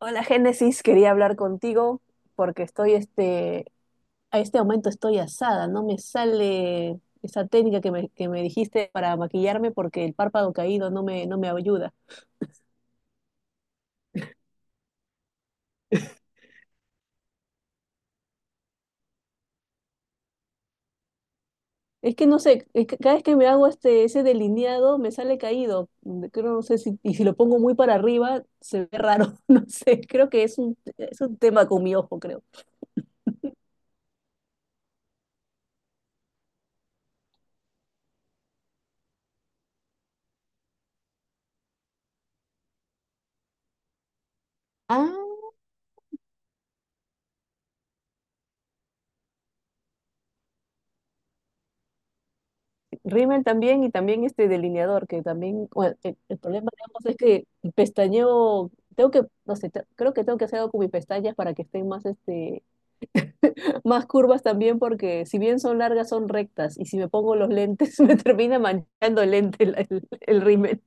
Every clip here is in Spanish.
Hola Génesis, quería hablar contigo porque estoy a este momento estoy asada. No me sale esa técnica que que me dijiste para maquillarme, porque el párpado caído no me ayuda. Es que no sé, es que cada vez que me hago ese delineado me sale caído. Mm, creo, no sé si, y si lo pongo muy para arriba se ve raro, no sé, creo que es un tema con mi ojo, creo. Rímel también y también este delineador, que también, bueno, el problema de ambos es que el pestañeo, tengo que, no sé, creo que tengo que hacer algo con mis pestañas para que estén más, más curvas también, porque si bien son largas, son rectas, y si me pongo los lentes, me termina manchando el lente, el rímel.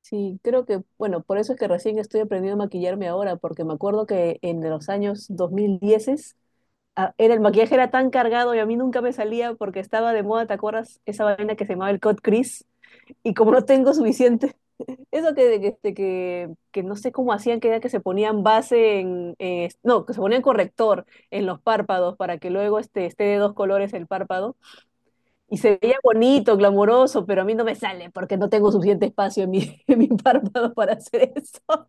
Sí, creo que, bueno, por eso es que recién estoy aprendiendo a maquillarme ahora, porque me acuerdo que en los años 2010 el maquillaje era tan cargado y a mí nunca me salía porque estaba de moda, ¿te acuerdas? Esa vaina que se llamaba el cut crease y como no tengo suficiente, eso que no sé cómo hacían, que era que se ponían base en, no, que se ponían corrector en los párpados para que luego esté de dos colores el párpado, y se veía bonito, glamuroso, pero a mí no me sale porque no tengo suficiente espacio en mi, en mi párpado para hacer eso.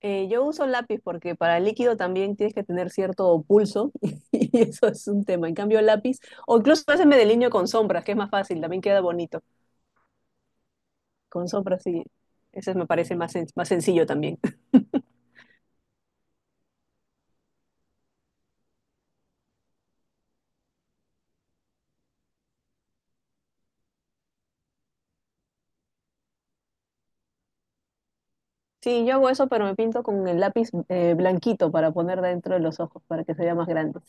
Yo uso lápiz porque para el líquido también tienes que tener cierto pulso, y eso es un tema. En cambio, lápiz, o incluso a veces me delineo con sombras, que es más fácil, también queda bonito. Con sombra, sí. Ese me parece más, más sencillo también. Sí, yo hago eso, pero me pinto con el lápiz blanquito para poner dentro de los ojos, para que se vea más grande.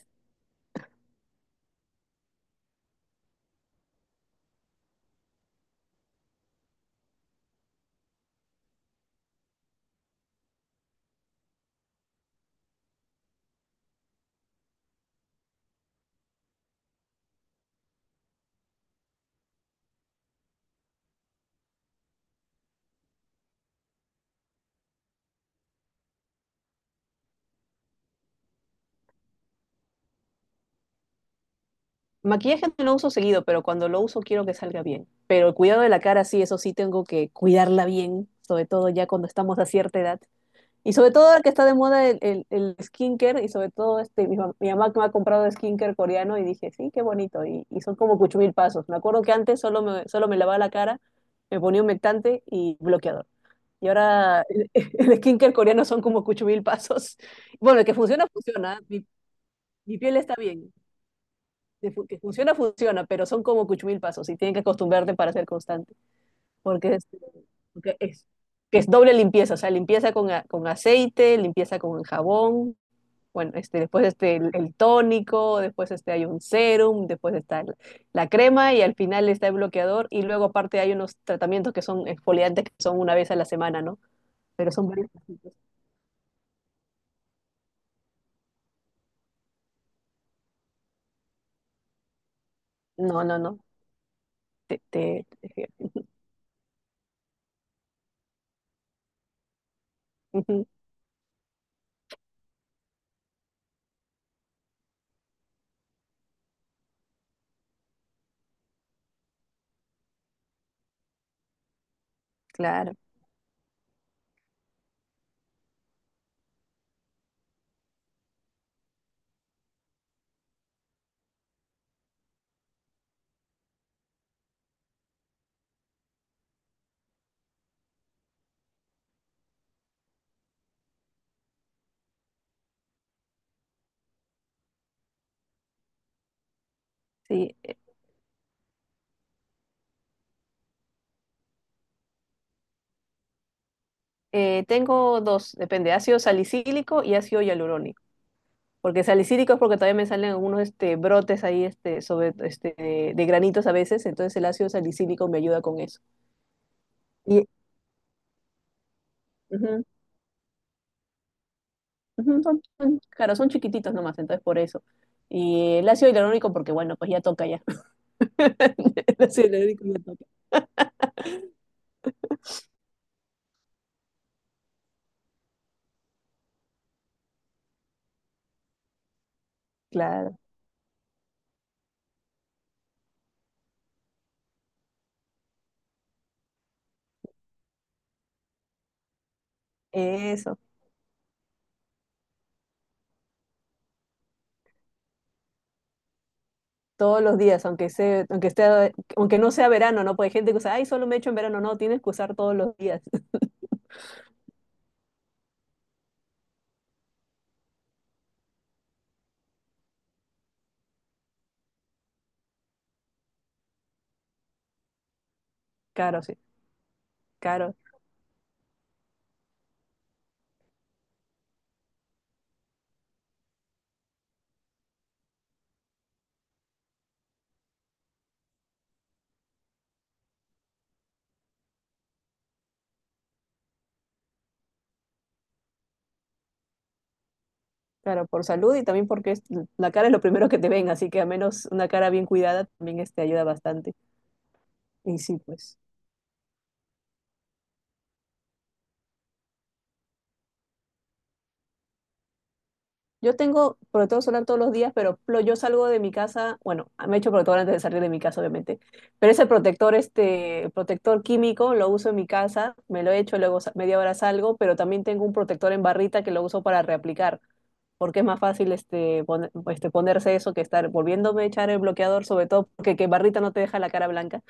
Maquillaje no lo uso seguido, pero cuando lo uso quiero que salga bien. Pero el cuidado de la cara, sí, eso sí tengo que cuidarla bien, sobre todo ya cuando estamos a cierta edad. Y sobre todo ahora que está de moda el skincare, y sobre todo mi mamá que me ha comprado skincare coreano, y dije, sí, qué bonito. Y son como cuchumil pasos. Me acuerdo que antes solo me lavaba la cara, me ponía humectante y bloqueador. Y ahora el skincare coreano son como cucho mil pasos. Bueno, el que funciona, funciona. Mi piel está bien. Que funciona, funciona, pero son como cucho mil pasos y tienen que acostumbrarte para ser constante. Porque es, porque es, que es doble limpieza, o sea, limpieza con, con aceite, limpieza con jabón. Bueno, después el tónico, después hay un serum, después está la crema y al final está el bloqueador. Y luego aparte hay unos tratamientos que son exfoliantes que son una vez a la semana, ¿no? Pero son varios. No, no, no. Te, te fío. Ujú, claro, sí. Tengo dos, depende, ácido salicílico y ácido hialurónico. Porque salicílico es porque todavía me salen algunos brotes ahí de granitos a veces, entonces el ácido salicílico me ayuda con eso. Y, ujú, ujú, claro, son chiquititos nomás, entonces por eso. Y el ácido hialurónico porque, bueno, pues ya toca ya. El ácido hialurónico me toca. Claro, eso. Todos los días, aunque sea, aunque esté, aunque no sea verano, ¿no? Porque hay gente que usa, ay, solo me echo en verano, no, tienes que usar todos los días. Claro, sí, claro, claro, por salud y también porque la cara es lo primero que te ven, así que a menos una cara bien cuidada también ayuda bastante. Y sí, pues. Yo tengo protector solar todos los días, pero yo salgo de mi casa, bueno, me echo protector antes de salir de mi casa, obviamente, pero ese protector, protector químico, lo uso en mi casa, me lo echo, luego media hora salgo, pero también tengo un protector en barrita que lo uso para reaplicar. Porque es más fácil ponerse eso que estar volviéndome a echar el bloqueador, sobre todo porque que barrita no te deja la cara blanca.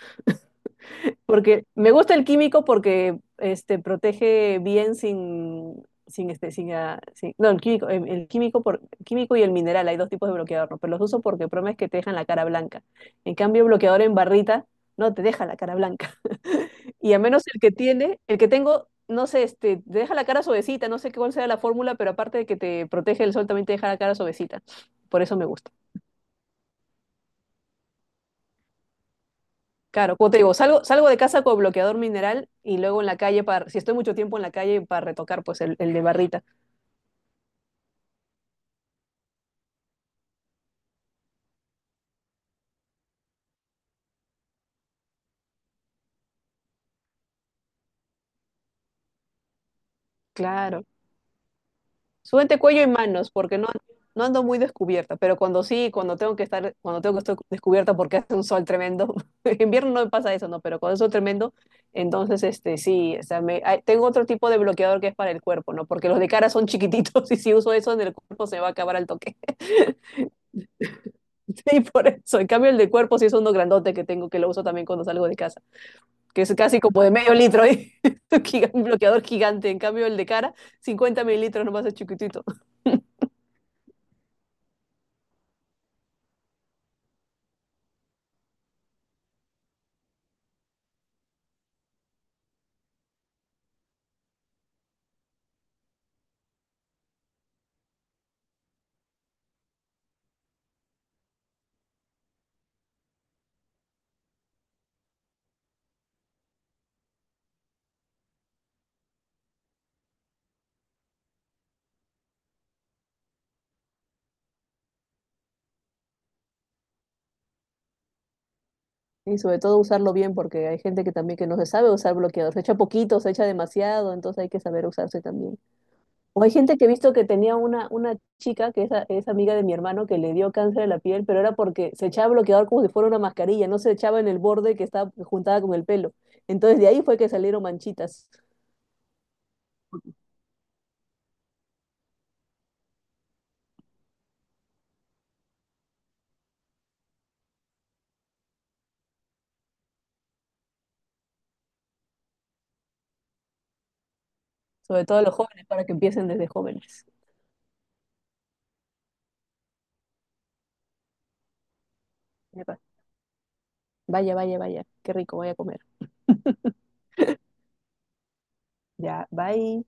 Porque me gusta el químico porque protege bien sin, sin este, sin, ah, sin- no, el químico químico y el mineral, hay dos tipos de bloqueador, ¿no? Pero los uso porque el problema es que te dejan la cara blanca. En cambio, el bloqueador en barrita no te deja la cara blanca. Y a menos el que tiene, el que tengo, no sé, te deja la cara suavecita, no sé cuál sea la fórmula, pero aparte de que te protege el sol, también te deja la cara suavecita. Por eso me gusta. Claro, como te digo, salgo, salgo de casa con bloqueador mineral y luego en la calle, para, si estoy mucho tiempo en la calle, para retocar pues el de barrita. Claro. Súbete cuello y manos, porque no, no ando muy descubierta, pero cuando sí, cuando tengo que estar, cuando tengo que estar descubierta porque hace un sol tremendo, en invierno no me pasa eso, no, pero cuando es sol tremendo, entonces este sí, o sea, tengo otro tipo de bloqueador que es para el cuerpo, ¿no? Porque los de cara son chiquititos y si uso eso en el cuerpo se me va a acabar al toque. Sí, por eso. En cambio, el de cuerpo sí es uno grandote que tengo, que lo uso también cuando salgo de casa. Que es casi como de medio litro, ¿eh? Un un bloqueador gigante. En cambio, el de cara, 50 ml nomás, es chiquitito. Y sobre todo usarlo bien, porque hay gente que también que no se sabe usar bloqueador. Se echa poquito, se echa demasiado, entonces hay que saber usarse también. O hay gente que he visto que tenía una chica, que es, es amiga de mi hermano, que le dio cáncer de la piel, pero era porque se echaba bloqueador como si fuera una mascarilla, no se echaba en el borde que estaba juntada con el pelo. Entonces de ahí fue que salieron manchitas, sobre todo a los jóvenes, para que empiecen desde jóvenes. Me, vaya, vaya, vaya. Qué rico, voy a comer. Ya, bye.